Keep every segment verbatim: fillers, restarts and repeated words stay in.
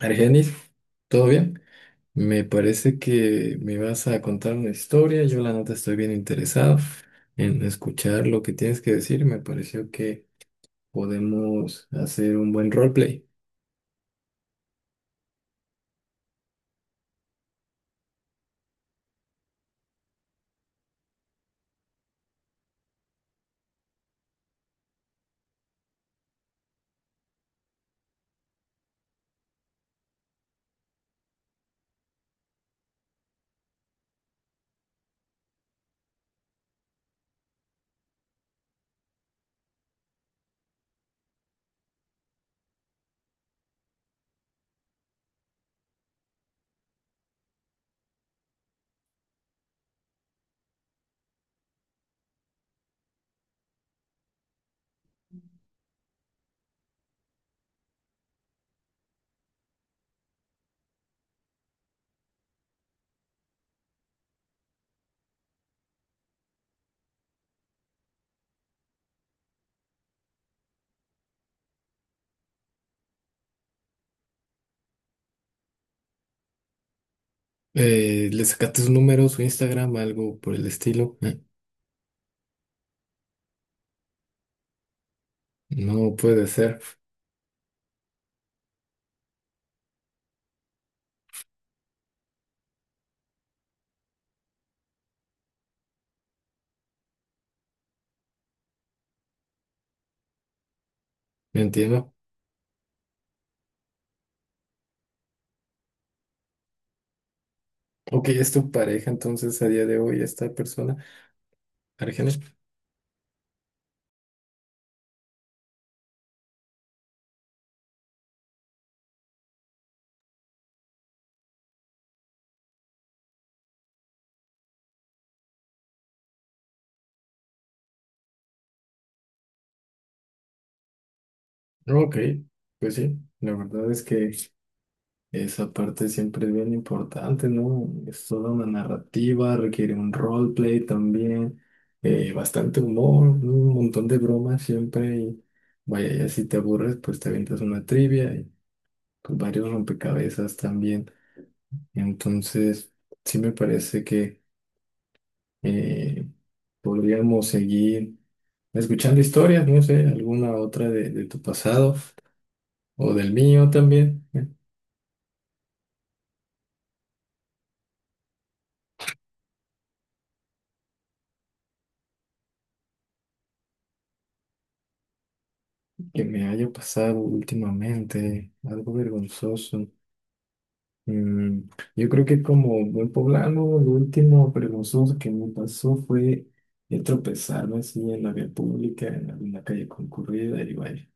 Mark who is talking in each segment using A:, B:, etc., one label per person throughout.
A: Argenis, ¿todo bien? Me parece que me vas a contar una historia. Yo la neta estoy bien interesado en escuchar lo que tienes que decir. Me pareció que podemos hacer un buen roleplay. Eh, ¿le sacaste su número, su Instagram, algo por el estilo? Eh, No puede ser, no entiendo. Ok, ¿es tu pareja entonces a día de hoy esta persona, Argenis? Ok, pues sí, la verdad es que... Esa parte siempre es bien importante, ¿no? Es toda una narrativa, requiere un roleplay también, eh, bastante humor, un montón de bromas siempre. Y vaya, ya si te aburres, pues te avientas una trivia y pues, varios rompecabezas también. Entonces, sí me parece que eh, podríamos seguir escuchando historias, no sé, alguna otra de, de tu pasado o del mío también. Que me haya pasado últimamente, algo vergonzoso. Mm, yo creo que como buen poblano, lo último vergonzoso que me pasó fue el tropezarme así en la vía pública, en alguna calle concurrida, y vaya,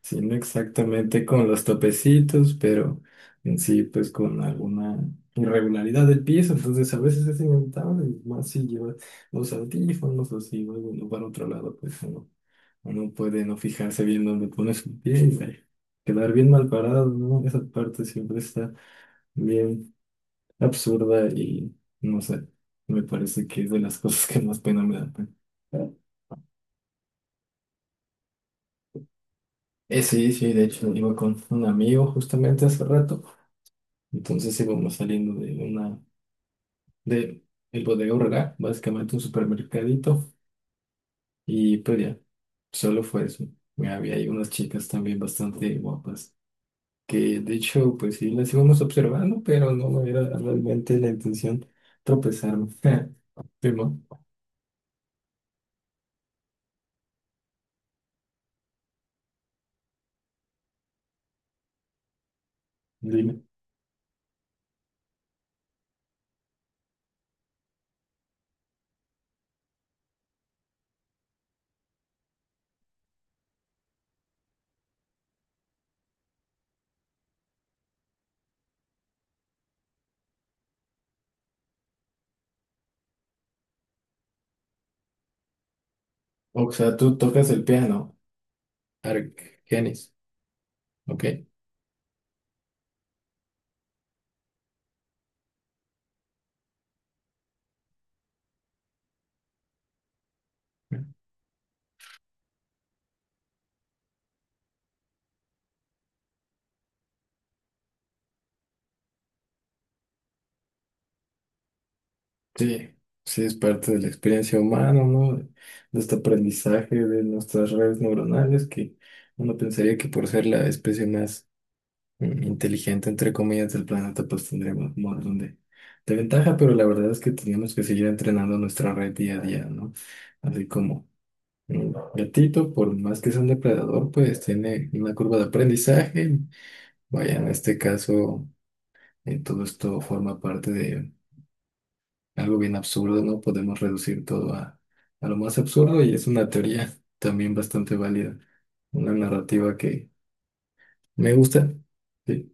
A: sí, no exactamente con los topecitos, pero en sí, pues con alguna irregularidad del piso, entonces a veces es inevitable, y más si llevas los audífonos o si vas de un lugar a otro lado, pues no, uno puede no fijarse bien dónde pone su pie y ay, quedar bien mal parado, ¿no? Esa parte siempre está bien absurda y no sé, me parece que es de las cosas que más pena me dan. Eh, sí, sí, de hecho iba con un amigo justamente hace rato. Entonces íbamos saliendo de una, de el Bodega Aurrerá, básicamente un supermercadito, y pues ya, solo fue eso. Había ahí unas chicas también bastante guapas, que de hecho, pues sí, las íbamos observando, pero no me era realmente la intención tropezarme. Primo, dime. O sea, tú tocas el piano, Argenis, ¿ok? Sí, sí, es parte de la experiencia humana, ¿no? De este aprendizaje de nuestras redes neuronales, que uno pensaría que por ser la especie más mm, inteligente, entre comillas, del planeta, pues tendríamos un montón de, de ventaja, pero la verdad es que teníamos que seguir entrenando nuestra red día a día, ¿no? Así como un gatito, por más que sea un depredador, pues tiene una curva de aprendizaje. Vaya, en este caso, eh, todo esto forma parte de algo bien absurdo, ¿no? Podemos reducir todo a, a lo más absurdo y es una teoría también bastante válida, una narrativa que me gusta, sí,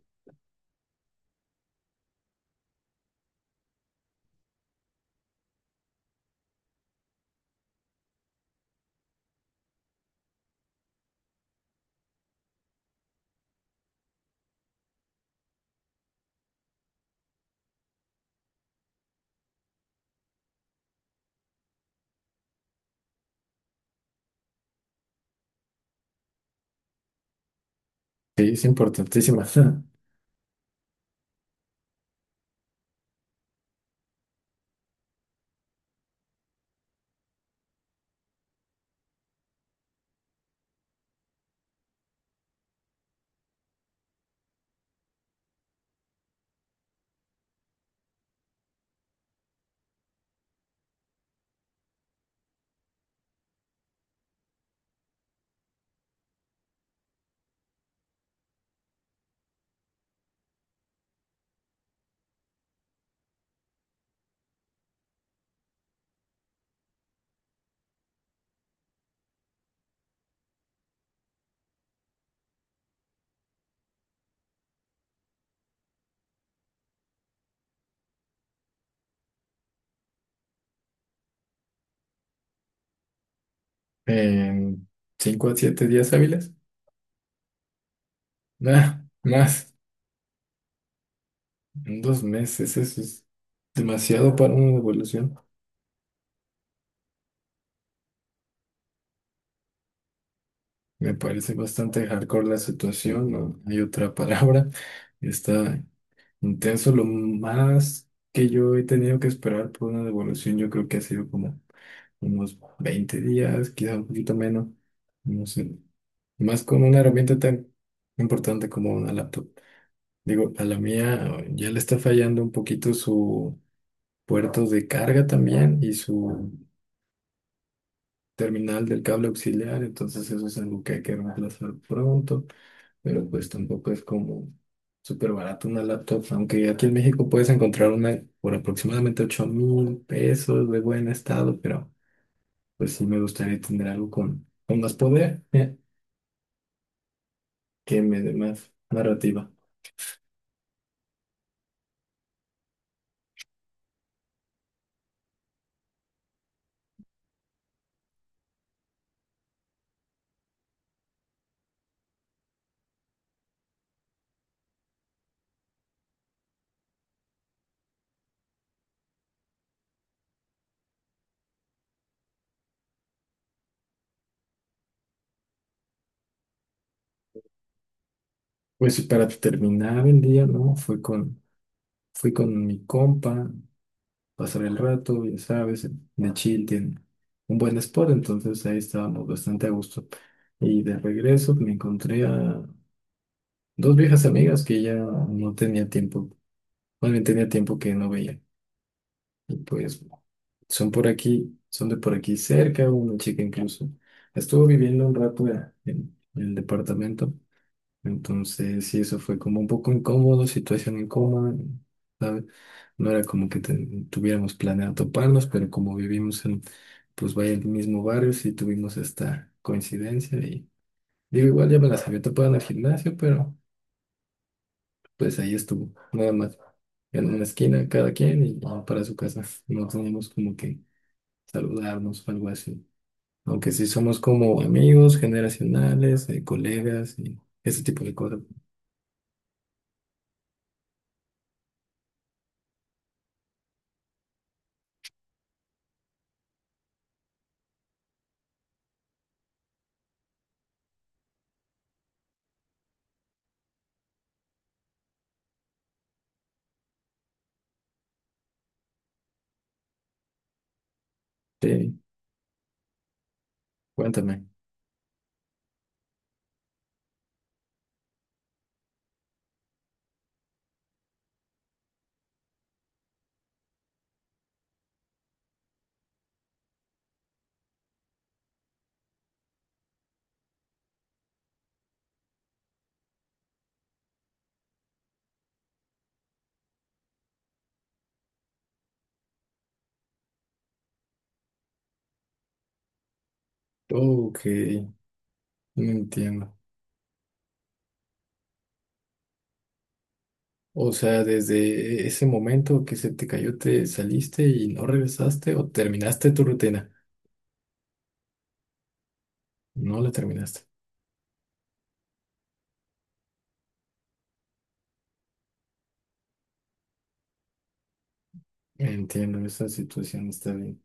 A: sí, es importantísima. En cinco a siete días hábiles, nada, más, en dos meses, eso es demasiado para una evolución. Me parece bastante hardcore la situación, no hay otra palabra. Está intenso. Lo más que yo he tenido que esperar por una devolución, yo creo que ha sido como unos veinte días, quizá un poquito menos. No sé. Más con una herramienta tan importante como una laptop. Digo, a la mía ya le está fallando un poquito su puerto de carga también y su terminal del cable auxiliar, entonces eso es algo que hay que reemplazar pronto. Pero pues tampoco es como súper barato una laptop, aunque aquí en México puedes encontrar una por aproximadamente ocho mil pesos de buen estado, pero pues sí me gustaría tener algo con, con más poder, eh, que me dé más narrativa. Pues y para terminar el día, ¿no? Fui con, fui con mi compa, pasar el rato, ya sabes, de chill tiene un buen spot, entonces ahí estábamos bastante a gusto. Y de regreso me encontré a dos viejas amigas que ya no tenía tiempo, más bien tenía tiempo que no veía. Y pues son por aquí, son de por aquí cerca, una chica incluso. Estuvo viviendo un rato en, en el departamento, entonces sí, eso fue como un poco incómodo, situación incómoda, ¿sabes? No era como que ten- tuviéramos planeado toparnos, pero como vivimos en, pues vaya, el mismo barrio, sí tuvimos esta coincidencia y digo, igual ya me las había topado en el gimnasio, pero... pues ahí estuvo, nada más. En una esquina cada quien y ya para su casa. No teníamos como que saludarnos o algo así. Aunque sí somos como amigos generacionales, eh, colegas y ese tipo de cosas. Sí, cuéntame. Ok, no entiendo. O sea, desde ese momento que se te cayó, te saliste y no regresaste o terminaste tu rutina. No la terminaste. Entiendo, esa situación está bien.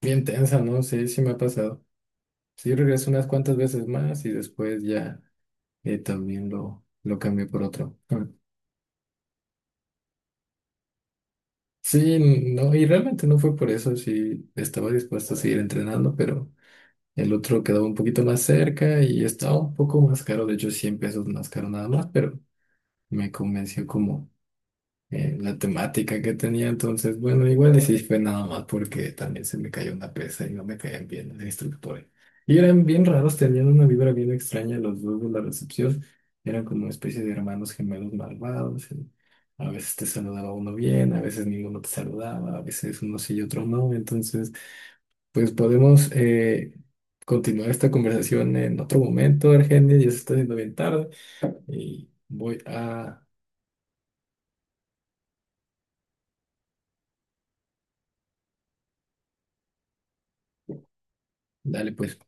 A: Bien tensa, ¿no? Sí, sí me ha pasado. Sí, regresé unas cuantas veces más y después ya eh, también lo, lo cambié por otro. Ah. Sí, no, y realmente no fue por eso, sí estaba dispuesto a seguir entrenando, pero el otro quedaba un poquito más cerca y estaba un poco más caro, de hecho cien pesos más caro nada más, pero me convenció como eh, la temática que tenía. Entonces, bueno, igual y sí fue nada más porque también se me cayó una pesa y no me caían bien los instructores. Y eran bien raros, tenían una vibra bien extraña los dos de la recepción. Eran como una especie de hermanos gemelos malvados, y a veces te saludaba uno bien, a veces ninguno te saludaba, a veces unos sí y otros no. Entonces, pues podemos eh, continuar esta conversación en otro momento, Argenia. Ya se está haciendo bien tarde y voy a... Dale, pues.